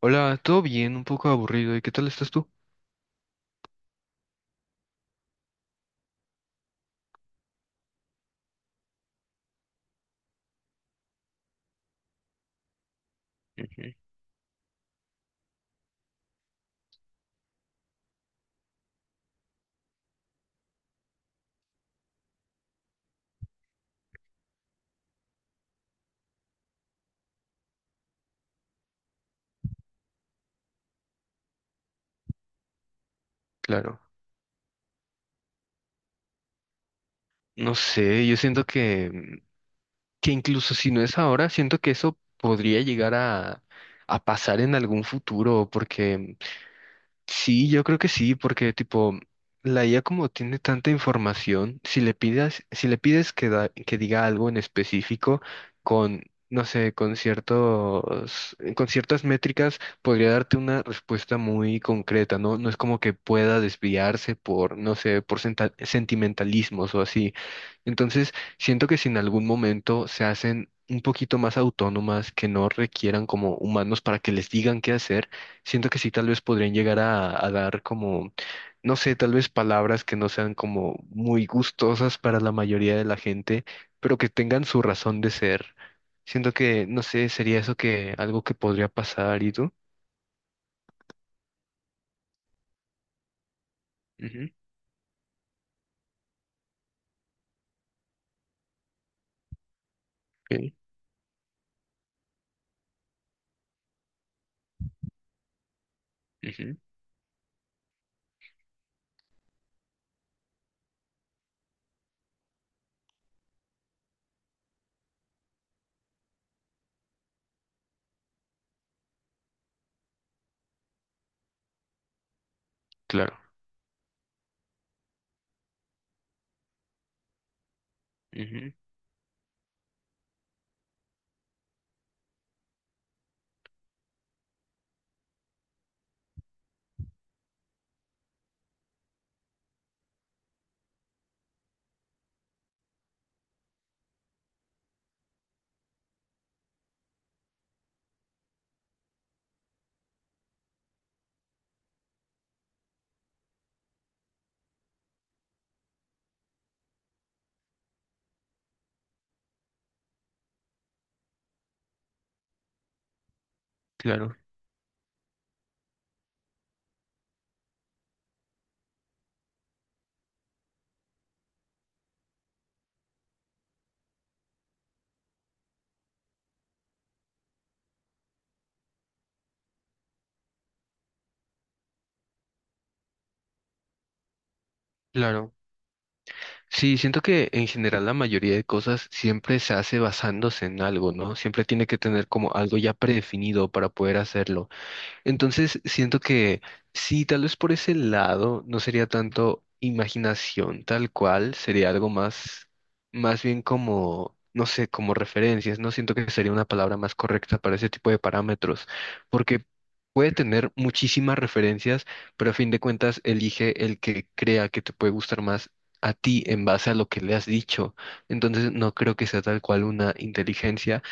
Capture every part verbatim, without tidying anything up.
Hola, ¿todo bien? Un poco aburrido. ¿Y qué tal estás tú? Ujú. Claro. No sé, yo siento que, mm, que incluso si no es ahora, siento que eso podría llegar a, a pasar en algún futuro, porque sí, yo creo que sí, porque tipo, la I A como tiene tanta información, si le pidas, si le pides que, da- que diga algo en específico con, no sé, con ciertos, con ciertas métricas, podría darte una respuesta muy concreta, ¿no? No es como que pueda desviarse por, no sé, por senta- sentimentalismos o así. Entonces, siento que si en algún momento se hacen un poquito más autónomas, que no requieran como humanos para que les digan qué hacer. Siento que sí, tal vez podrían llegar a, a dar como, no sé, tal vez palabras que no sean como muy gustosas para la mayoría de la gente, pero que tengan su razón de ser. Siento que, no sé, sería eso, que algo que podría pasar, ¿y tú? Ujú, ok, ujú, claro. Ujú, claro, claro. Sí, siento que en general la mayoría de cosas siempre se hace basándose en algo, ¿no? Siempre tiene que tener como algo ya predefinido para poder hacerlo. Entonces, siento que sí, tal vez por ese lado no sería tanto imaginación tal cual, sería algo más, más bien como, no sé, como referencias, no siento que sería una palabra más correcta para ese tipo de parámetros, porque puede tener muchísimas referencias, pero a fin de cuentas elige el que crea que te puede gustar más a ti en base a lo que le has dicho. Entonces, no creo que sea tal cual una inteligencia,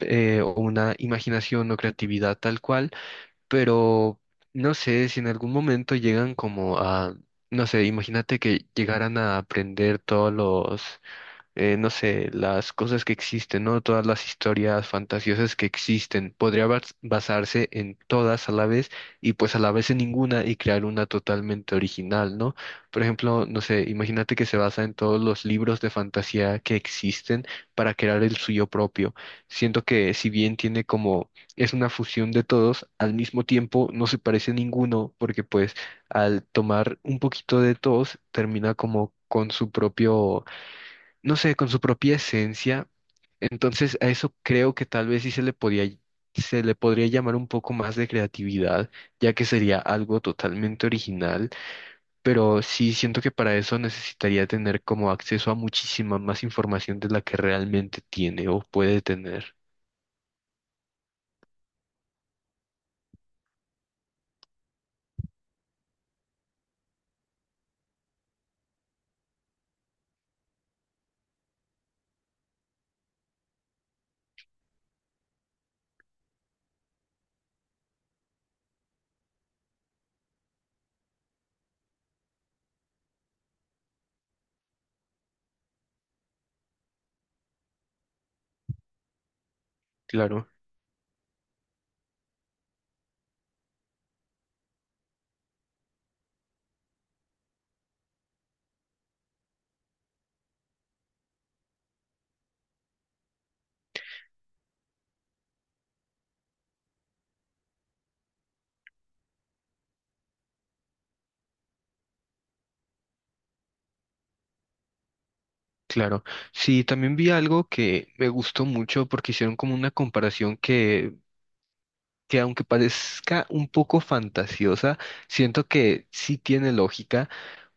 eh, o una imaginación o creatividad tal cual, pero no sé si en algún momento llegan como a, no sé, imagínate que llegaran a aprender todos los eh, no sé, las cosas que existen, ¿no? Todas las historias fantasiosas que existen. Podría bas- basarse en todas a la vez y pues a la vez en ninguna y crear una totalmente original, ¿no? Por ejemplo, no sé, imagínate que se basa en todos los libros de fantasía que existen para crear el suyo propio. Siento que si bien tiene como, es una fusión de todos, al mismo tiempo no se parece a ninguno porque pues al tomar un poquito de todos termina como con su propio, no sé, con su propia esencia. Entonces, a eso creo que tal vez sí se le podía, se le podría llamar un poco más de creatividad, ya que sería algo totalmente original, pero sí siento que para eso necesitaría tener como acceso a muchísima más información de la que realmente tiene o puede tener. Claro, claro. Sí, también vi algo que me gustó mucho porque hicieron como una comparación que que aunque parezca un poco fantasiosa, siento que sí tiene lógica,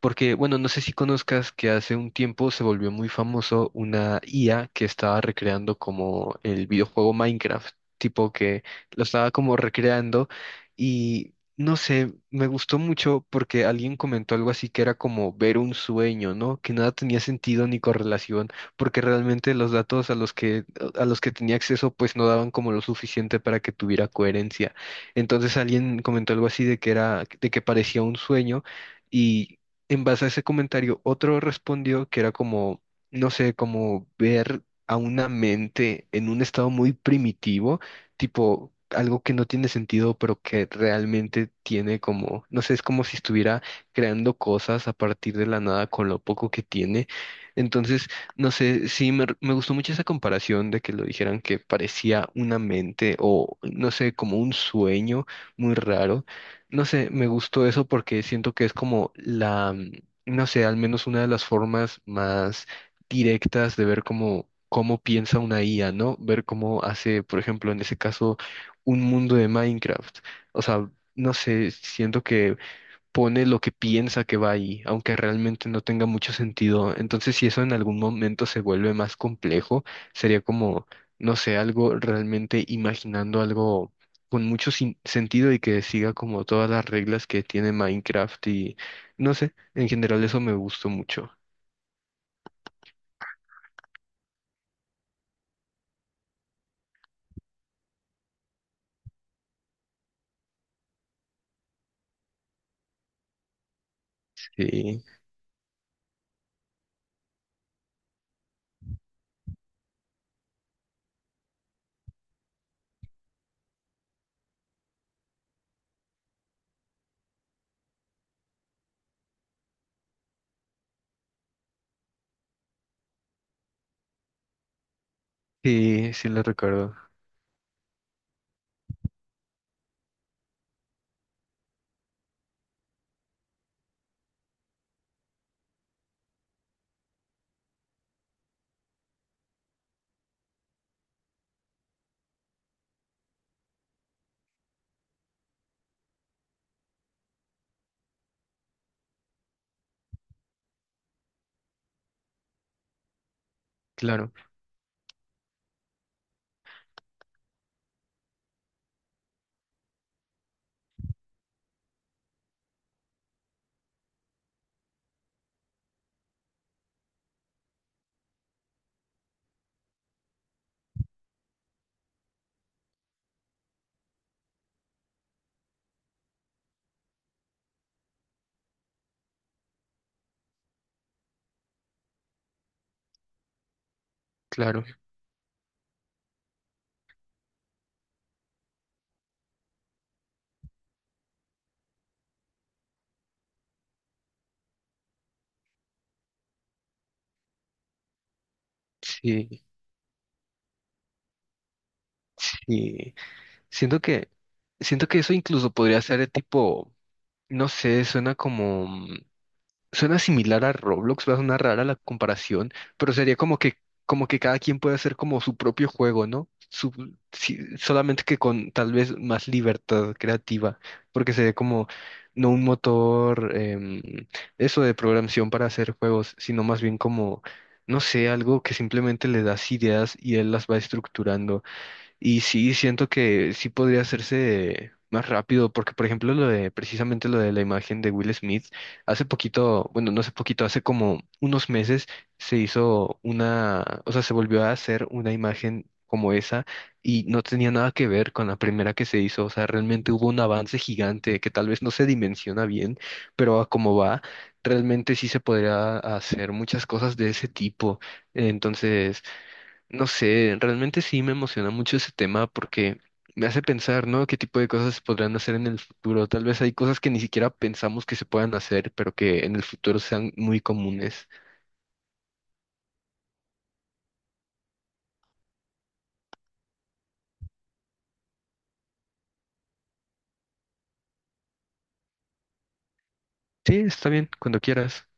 porque, bueno, no sé si conozcas que hace un tiempo se volvió muy famoso una I A que estaba recreando como el videojuego Minecraft, tipo que lo estaba como recreando y... No sé, me gustó mucho porque alguien comentó algo así que era como ver un sueño, ¿no? Que nada tenía sentido ni correlación, porque realmente los datos a los que lo- a los que tenía acceso pues no daban como lo suficiente para que tuviera coherencia. Entonces alguien comentó algo así de que era, de que parecía un sueño y en base a ese comentario otro respondió que era como, no sé, como ver a una mente en un estado muy primitivo, tipo algo que no tiene sentido, pero que realmente tiene como, no sé, es como si estuviera creando cosas a partir de la nada con lo poco que tiene. Entonces, no sé, sí, me, me gustó mucho esa comparación de que lo dijeran que parecía una mente o, no sé, como un sueño muy raro. No sé, me gustó eso porque siento que es como la, mm, no sé, al menos una de las formas más directas de ver cómo, cómo piensa una I A, ¿no? Ver cómo hace, por ejemplo, en ese caso, un mundo de Minecraft. O sea, no sé, siento que pone lo que piensa que va ahí, aunque realmente no tenga mucho sentido. Entonces, si eso en algún momento se vuelve más complejo, sería como, no sé, algo realmente imaginando algo con mucho sin- sentido y que siga como todas las reglas que tiene Minecraft y no sé, en general eso me gustó mucho. Sí, sí, sí lo recuerdo. Claro, claro. Sí, sí. Siento que, siento que eso incluso podría ser de tipo, no sé, suena como suena similar a Roblox, va a sonar rara la comparación, pero sería como que, como que cada quien puede hacer como su propio juego, ¿no? Su- sí, solamente que con tal vez más libertad creativa, porque sería como no un motor, em, eso de programación para hacer juegos, sino más bien como, no sé, algo que simplemente le das ideas y él las va estructurando. Y sí, siento que sí podría hacerse más rápido, porque por ejemplo lo de, precisamente lo de la imagen de Will Smith, hace poquito, bueno, no hace poquito, hace como unos meses se hizo una, o sea, se volvió a hacer una imagen como esa y no tenía nada que ver con la primera que se hizo, o sea, realmente hubo un avance gigante que tal vez no se dimensiona bien, pero a como va, realmente sí se podría hacer muchas cosas de ese tipo. Entonces... No sé, realmente sí me emociona mucho ese tema porque me hace pensar, ¿no? ¿Qué tipo de cosas se podrán hacer en el futuro? Tal vez hay cosas que ni siquiera pensamos que se puedan hacer, pero que en el futuro sean muy comunes. Sí, está bien, cuando quieras.